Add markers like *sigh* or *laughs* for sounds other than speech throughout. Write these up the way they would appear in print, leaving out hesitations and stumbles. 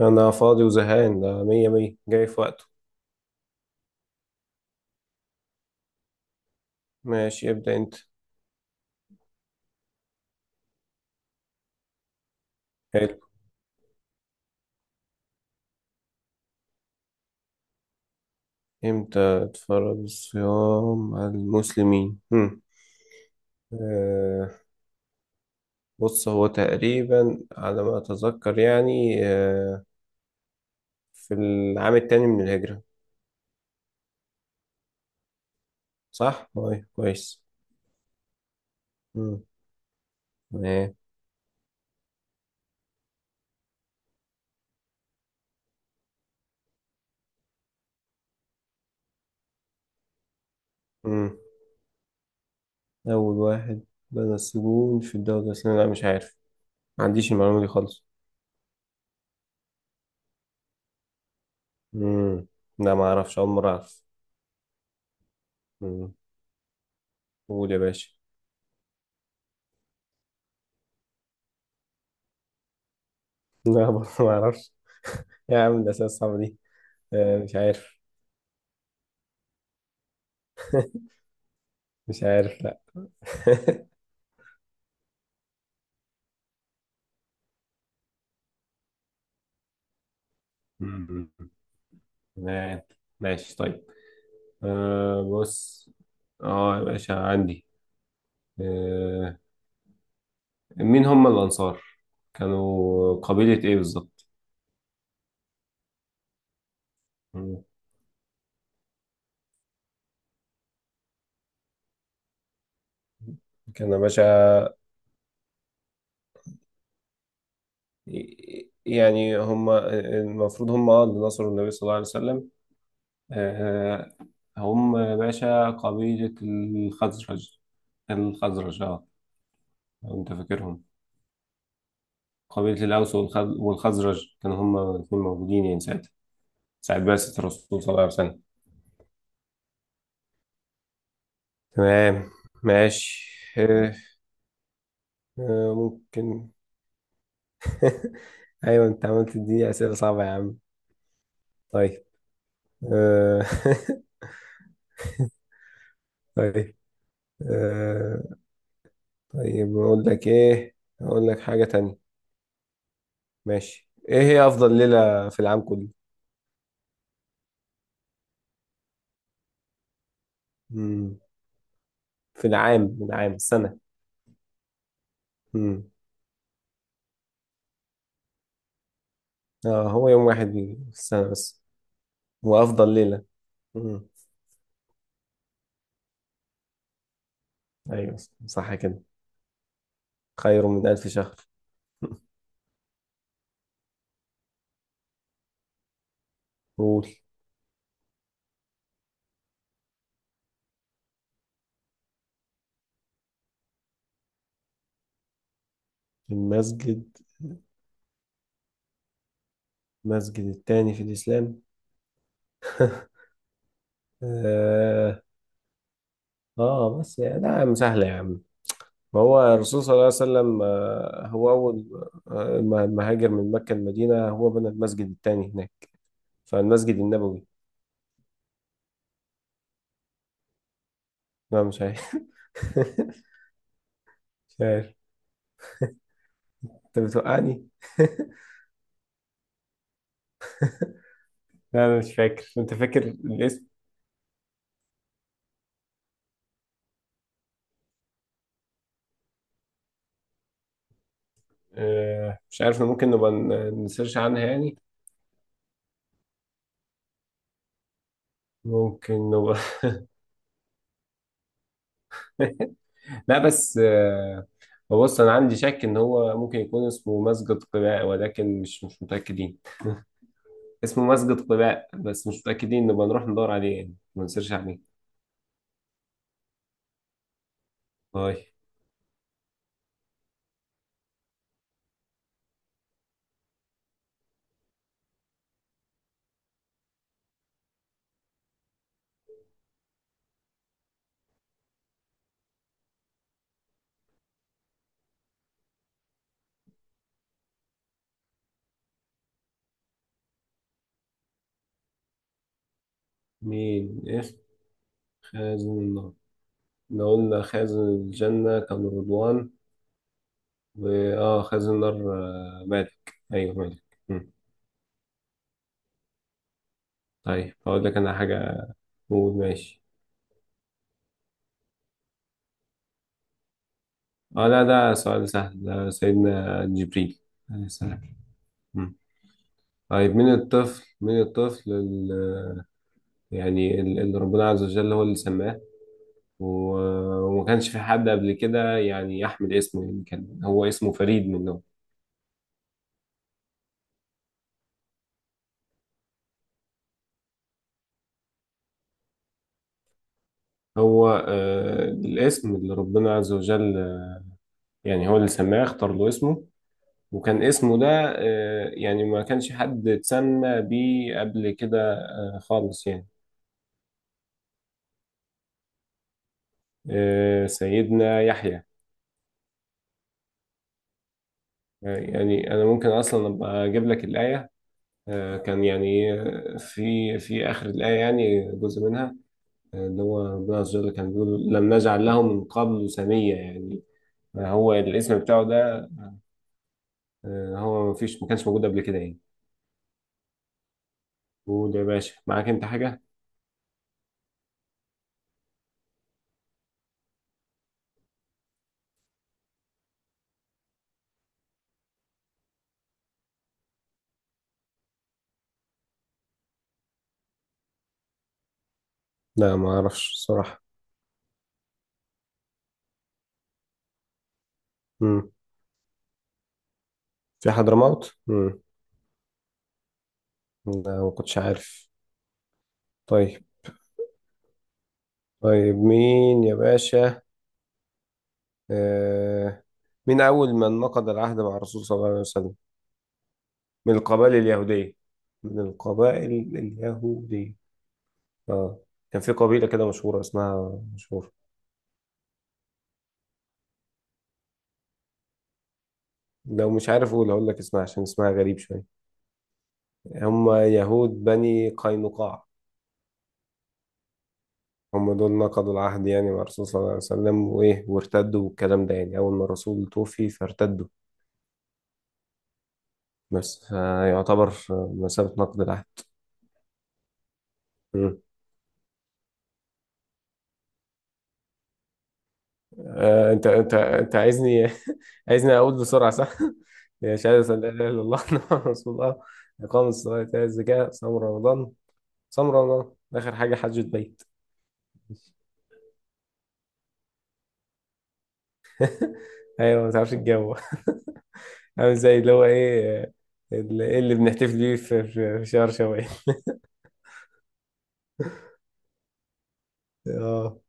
أنا فاضي وزهقان، ده مية مية، جاي في وقته. ماشي، ابدأ أنت. حلو. إمتى تفرض الصيام على المسلمين؟ هم. آه بص، هو تقريبا على ما أتذكر، يعني في العام التاني من الهجرة. صح؟ طيب، كويس. مم. ايه. مم. أول واحد بدأ السجون في الدولة الإسلامية، لا مش عارف، ما عنديش المعلومة دي خالص. مم. لا، ما أعرفش، أول مرة أعرف. مم. قول يا باشا. لا برضه ما أعرفش. *laughs* يا عم الأسئلة الصعبة دي مش عارف. *laughs* مش عارف، لا. *laughs* مم. ما- ماشي، طيب. بص، اه يا باشا عندي. آه مين هم الأنصار؟ كانوا قبيلة إيه بالظبط؟ كان يا باشا، يعني هم المفروض هم اللي نصروا النبي صلى الله عليه وسلم. آه، هم يا باشا قبيلة الخزرج، الخزرج. اه، لو انت فاكرهم. قبيلة والخزرج كانوا هم الاثنين موجودين، يعني ساعتها ساعة بعثة الرسول صلى الله عليه وسلم. تمام، ماشي. آه، ممكن. *laughs* ايوه، انت عملت دي أسئلة صعبة يا عم. طيب آه، *laughs* طيب آه، طيب اقول لك ايه، اقول لك حاجة تانية. ماشي، ايه هي افضل ليلة في العام كله؟ مم. في العام السنة. مم. اه، هو يوم واحد في السنة بس، هو افضل ليلة. مم. ايوه، صح كده. خير من 1000 شهر. *laughs* قول. المسجد المسجد التاني في الاسلام. *laughs* اه. بس يعني لا يا عم، سهلة يا عم. ما هو الرسول صلى الله عليه وسلم هو اول ما هاجر من مكة المدينة هو بنى المسجد التاني هناك، فالمسجد النبوي. لا مش عارف. *laughs* مش عارف. انت بتوقعني. *laughs* لا انا مش فاكر، انت فاكر الاسم؟ مش عارف، ممكن نبقى نسيرش عنها يعني. ممكن نبقى. *laughs* لا بس هو بص، انا عندي شك ان هو ممكن يكون اسمه مسجد قباء، ولكن مش متاكدين. اسمه مسجد قباء بس مش متاكدين، نبقى نروح ندور عليه يعني، ما نسيرش عليه. طيب مين اسم خازن النار؟ لو قلنا خازن الجنة كان رضوان، وآه خازن نار مالك. أيوه، مالك. مم. طيب هقول لك أنا حاجة. قول، ماشي. لا ده سؤال سهل، ده سيدنا جبريل عليه السلام. مم. طيب، من الطفل يعني اللي ربنا عز وجل هو اللي سماه، وما كانش في حد قبل كده يعني يحمل اسمه، يعني كان هو اسمه فريد من نوعه. هو الاسم اللي ربنا عز وجل، يعني هو اللي سماه، اختار له اسمه. وكان اسمه ده يعني ما كانش حد اتسمى بيه قبل كده خالص يعني. سيدنا يحيى. يعني أنا ممكن أصلا أبقى أجيب لك الآية. كان يعني في آخر الآية، يعني جزء منها. اللي هو ربنا عز وجل كان بيقول لم نجعل له من قبل سمية يعني هو الاسم بتاعه ده هو ما فيش، ما كانش موجود قبل كده يعني. قول يا باشا، معاك أنت حاجة؟ لا ما أعرفش الصراحة. مم. في حضرموت؟ مم. لا ما كنتش عارف. طيب. طيب مين يا باشا آه مين أول من نقض العهد مع الرسول صلى الله عليه وسلم؟ من القبائل اليهودية. من القبائل اليهودية. اه، كان في قبيلة كده مشهورة، اسمها مشهورة. لو مش عارف هقول لك اسمها، عشان اسمها غريب شوية. هم يهود بني قينقاع. هم دول نقضوا العهد يعني مع الرسول صلى الله عليه وسلم وإيه، وارتدوا والكلام ده، يعني أول ما الرسول توفي فارتدوا. بس يعتبر بمثابة نقض العهد. انت عايزني، *laughs* عايزني اقول بسرعه، صح؟ *laughs* يا شهادة أن لا إله إلا الله، *laughs* محمد رسول الله، إقام الصلاة، إيتاء الزكاة، صوم رمضان، آخر حاجة حج البيت. *laughs* أيوة، ما تعرفش الجو. *laughs* عامل زي اللي هو إيه، اللي بنحتفل بيه في شهر شوال. *laughs* آه.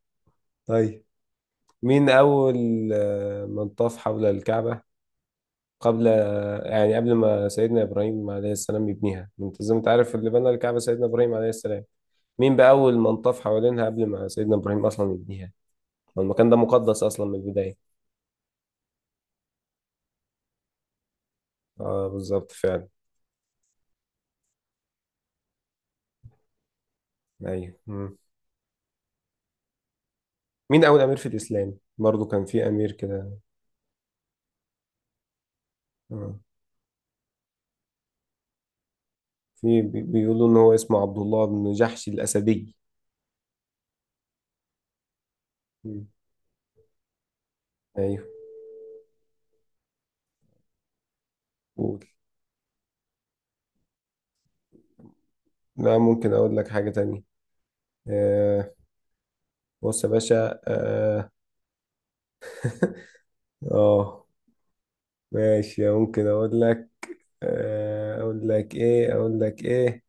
طيب مين أول من طاف حول الكعبة قبل، يعني قبل ما سيدنا إبراهيم عليه السلام يبنيها؟ أنت زي ما أنت عارف، اللي بنى الكعبة سيدنا إبراهيم عليه السلام، مين بقى أول من طاف حوالينها قبل ما سيدنا إبراهيم أصلا يبنيها؟ هو المكان ده مقدس أصلا من البداية. اه، بالظبط فعلا. أيوه. مم. مين أول أمير في الإسلام؟ برضو كان في أمير كده. آه. في بيقولوا إن هو اسمه عبد الله بن جحش الأسدي. مم. أيوه. قول. لا، ممكن أقول لك حاجة تانية. آه. بص يا باشا. *laughs* آه ماشي، ممكن أقول لك. أقول لك إيه.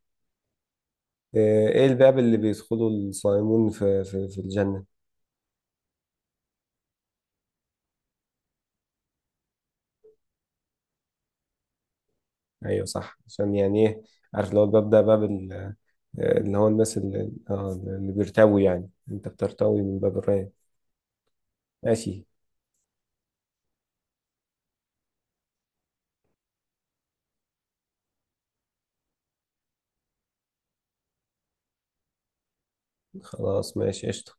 إيه الباب اللي بيدخله الصائمون في الجنة؟ ايوه صح، عشان يعني ايه، عارف اللي هو الباب ده باب اللي هو الناس اللي بيرتوي، يعني انت بترتوي من باب الراية. ماشي. خلاص، ماشي قشطة.